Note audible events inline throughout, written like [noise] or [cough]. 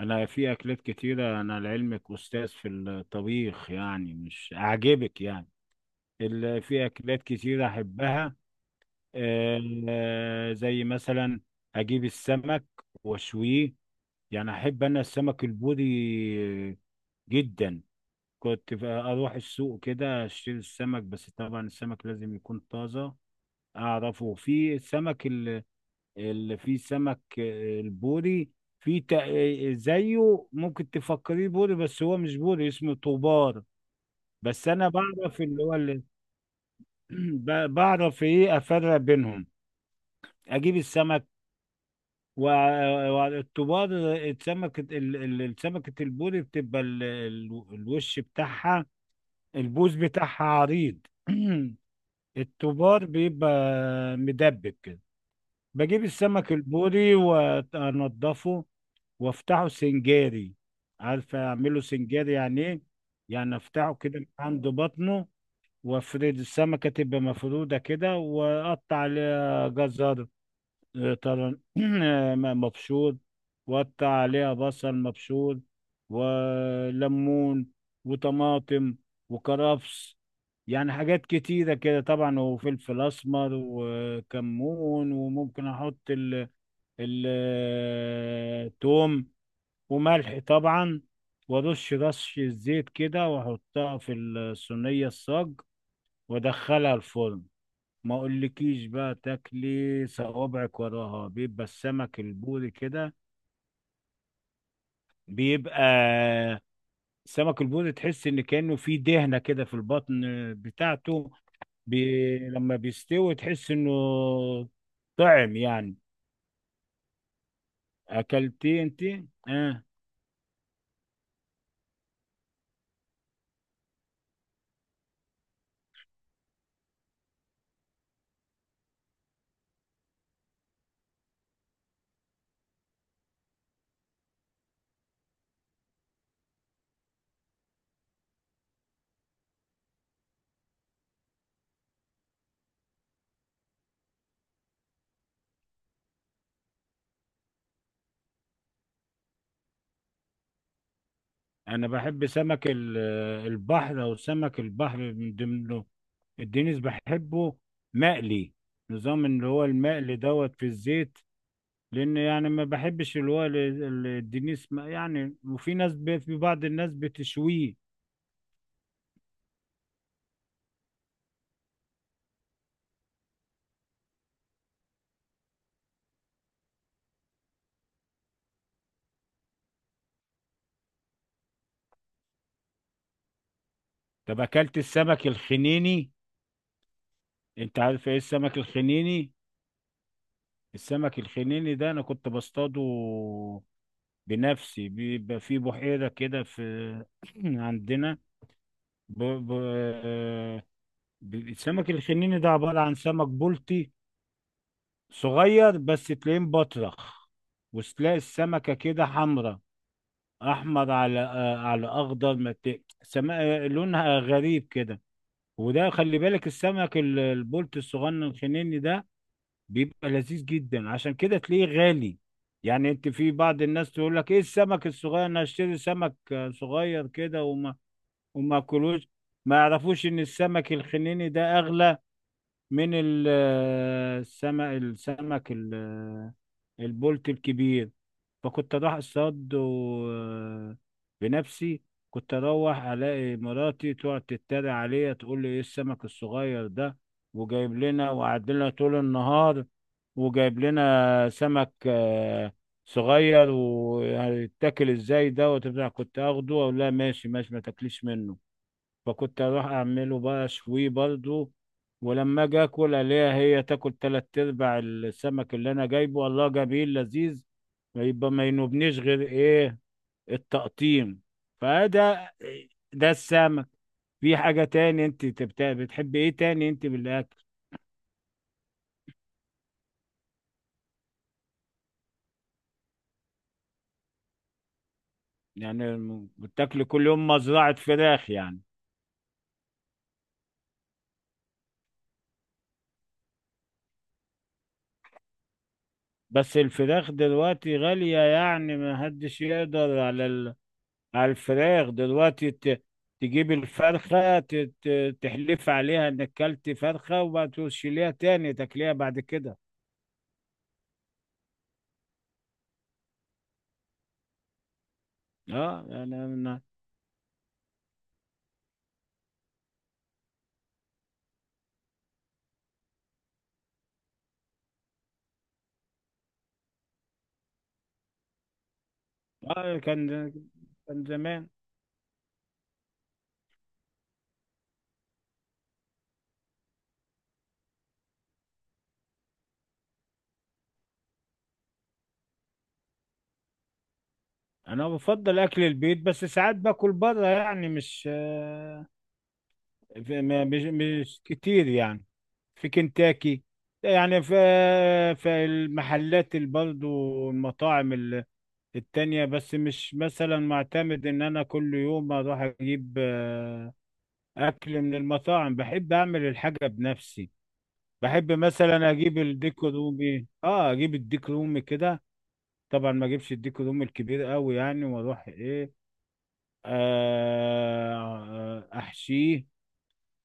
انا في اكلات كتيرة، انا لعلمك استاذ في الطبيخ يعني مش اعجبك يعني. في اكلات كتيرة احبها، زي مثلا اجيب السمك واشويه. يعني احب انا السمك البوري جدا. كنت اروح السوق كده اشتري السمك، بس طبعا السمك لازم يكون طازة. اعرفه في السمك اللي فيه سمك، البوري. في زيه ممكن تفكريه بوري بس هو مش بوري، اسمه طوبار. بس انا بعرف اللي هو اللي [clears throat] بعرف ايه افرق بينهم. اجيب السمك والطوبار، السمكة السمكة البوري بتبقى الوش بتاعها، البوز بتاعها عريض [clears throat] الطوبار بيبقى مدبب كده. بجيب السمك البوري وانضفه وافتحه سنجاري. عارفه اعمله سنجاري يعني ايه؟ يعني افتحه كده من عند بطنه وافرد السمكه تبقى مفروده كده، واقطع عليها جزر، طبعا [clears throat] مبشور، واقطع عليها بصل مبشور، وليمون، وطماطم، وكرفس، يعني حاجات كتيرة كده طبعا، وفلفل أسمر وكمون، وممكن أحط ال التوم وملح طبعا، وارش رش الزيت كده واحطها في الصينية الصاج وادخلها الفرن. ما اقولكيش بقى، تاكلي صوابعك وراها. بيبقى السمك البوري كده بيبقى السمك البوري، تحس ان كأنه في دهنة كده في البطن بتاعته. لما بيستوي تحس انه طعم يعني. اكلتيه انت؟ اه. انا بحب سمك البحر، او سمك البحر، من ضمنه الدينيس بحبه مقلي، نظام اللي هو المقلي دوت في الزيت. لان يعني ما بحبش اللي هو الدينيس، يعني وفي ناس في بعض الناس بتشويه. طب اكلت السمك الخنيني؟ انت عارف ايه السمك الخنيني؟ السمك الخنيني ده انا كنت بصطاده بنفسي. بيبقى في بحيرة كده في [clears throat] عندنا. ب... ب... آه، السمك الخنيني ده عبارة عن سمك بلطي صغير، بس تلاقيه مبطرخ، وتلاقي السمكة كده حمرا، أحمر على على أخضر، ما ت- سما... آه، لونها غريب كده. وده خلي بالك، السمك البولت الصغنن الخنيني ده بيبقى لذيذ جدا، عشان كده تلاقيه غالي. يعني انت، في بعض الناس تقول لك ايه السمك الصغير، انا اشتري سمك صغير كده، وما اكلوش. ما يعرفوش ان السمك الخنيني ده اغلى من السمك، البولت الكبير. فكنت اروح اصطاد بنفسي. كنت اروح الاقي مراتي تقعد تتريق عليا، تقول لي ايه السمك الصغير ده، وجايب لنا وقعد لنا طول النهار، وجايب لنا سمك صغير، وهيتاكل ازاي ده؟ وتبدا كنت اخده اقول لها ماشي ماشي ما تاكليش منه. فكنت اروح اعمله بقى شوي برضو. ولما اجي اكل الاقيها هي تاكل تلات ارباع السمك اللي انا جايبه. الله جميل لذيذ. يبقى ما ينوبنيش غير ايه، التقطيم. فده، ده السمك. في حاجة تاني، انت بتحبي ايه تاني انت بالاكل؟ يعني بتاكلي كل يوم مزرعة فراخ يعني؟ بس الفراخ دلوقتي غالية، يعني ما حدش يقدر على ال... على الفراخ دلوقتي، تجيب الفرخة تحلف عليها انك كلت فرخة، وما تشيليها تاني تاكليها بعد كده. اه انا، اه كان، كان زمان. انا بفضل اكل البيت، بس ساعات باكل بره، يعني مش مش كتير يعني. في كنتاكي يعني، في في المحلات اللي برضو المطاعم التانية، بس مش مثلا معتمد ان انا كل يوم اروح اجيب اكل من المطاعم. بحب اعمل الحاجة بنفسي. بحب مثلا اجيب الديك رومي، اه اجيب الديك رومي كده. طبعا ما اجيبش الديك رومي الكبير قوي يعني، واروح ايه، آه احشيه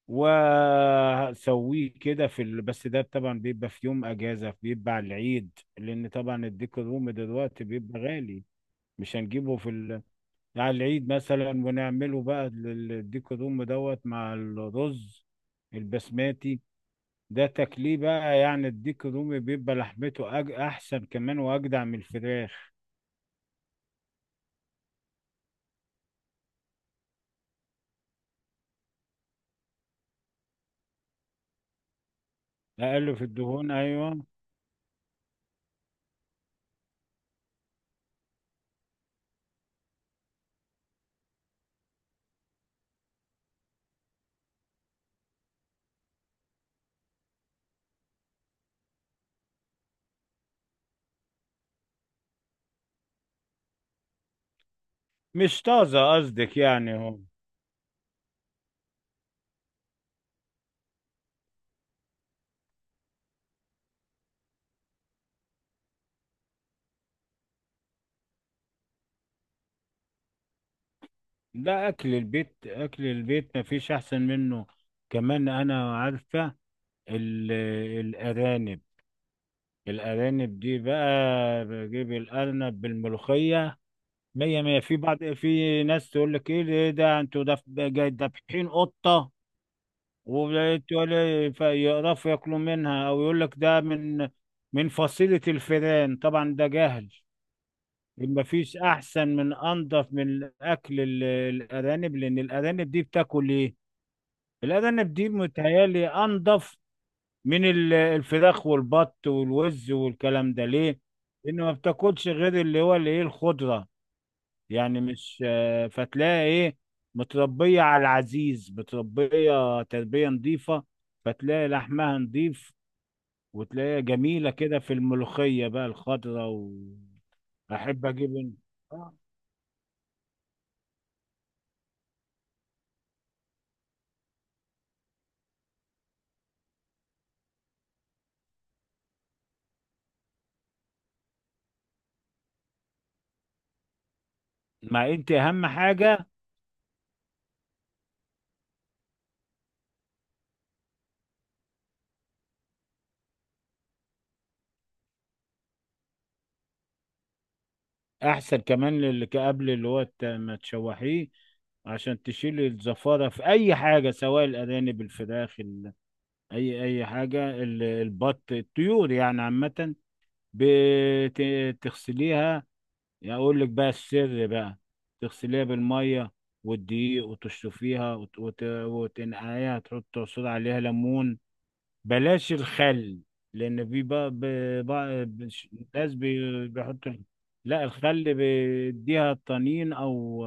واسويه كده في ال... بس ده طبعا بيبقى في يوم اجازة، بيبقى على العيد، لان طبعا الديك رومي دلوقتي بيبقى غالي. مش هنجيبه في ال... على العيد مثلا ونعمله بقى الديك دوم دوت مع الرز البسماتي. ده تاكليه بقى. يعني الديك دوم بيبقى لحمته احسن كمان واجدع من الفراخ. اقل في الدهون ايوه. مش طازه قصدك يعني هو. ده اكل البيت، اكل البيت مفيش احسن منه. كمان انا عارفه ال... الارانب. الارانب دي بقى بجيب الارنب بالملوخيه مية مية. في بعض، في ناس تقول لك ايه، إيه ده انتوا جاي دابحين قطة، وتقول يقرفوا ياكلوا منها، او يقول لك ده من من فصيلة الفئران. طبعا ده جهل. ما فيش احسن من، انضف من اكل الارانب. لان الارانب دي بتاكل ايه؟ الارانب دي متهيالي انضف من الفراخ والبط والوز والكلام ده. ليه؟ لان ما بتاكلش غير اللي هو الايه، الخضرة. يعني مش فتلاقي ايه، متربية على العزيز، متربية تربية نظيفة، فتلاقي لحمها نظيف، وتلاقيها جميلة كده في الملوخية بقى الخضرة. وأحب أجيب آه. مع أنت أهم حاجة. أحسن كمان اللي قبل اللي هو ما تشوحيه عشان تشيل الزفارة، في أي حاجة، سواء الأرانب، الفراخ ال... أي أي حاجة، البط، الطيور يعني عامة، بتغسليها. يعني اقول لك بقى السر بقى، تغسليها بالميه والدقيق، وتشطفيها وتنقعيها، تحط عصير عليها ليمون. بلاش الخل، لان في بقى بقى بش- ناس بيحطوا. لا الخل بيديها طنين، او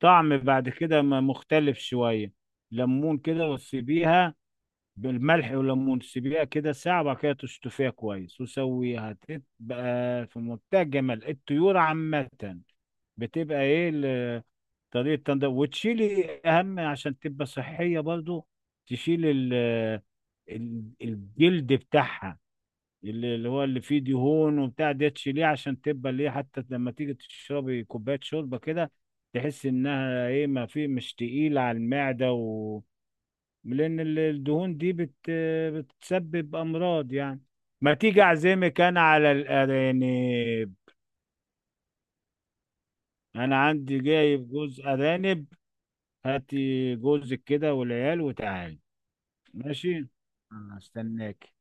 طعم بعد كده مختلف شويه. ليمون كده وتسيبيها بالملح والليمون، تسيبيها كده ساعة، وبعد كده تشطفيها كويس وسويها، تبقى في منتهى الجمال. الطيور عامة بتبقى ايه طريقة تنضيف، وتشيلي اهم عشان تبقى صحية برضو. تشيلي الجلد بتاعها، اللي اللي هو اللي فيه دهون وبتاع ده تشيليه، عشان تبقى ليه حتى لما تيجي تشربي كوباية شوربة كده تحس انها ايه، ما في، مش تقيلة على المعدة. لأن الدهون دي بتسبب أمراض يعني. ما تيجي أعزمك أنا على الأرانب، أنا عندي جايب جوز أرانب. هاتي جوزك كده والعيال وتعالي. ماشي، أنا استناك.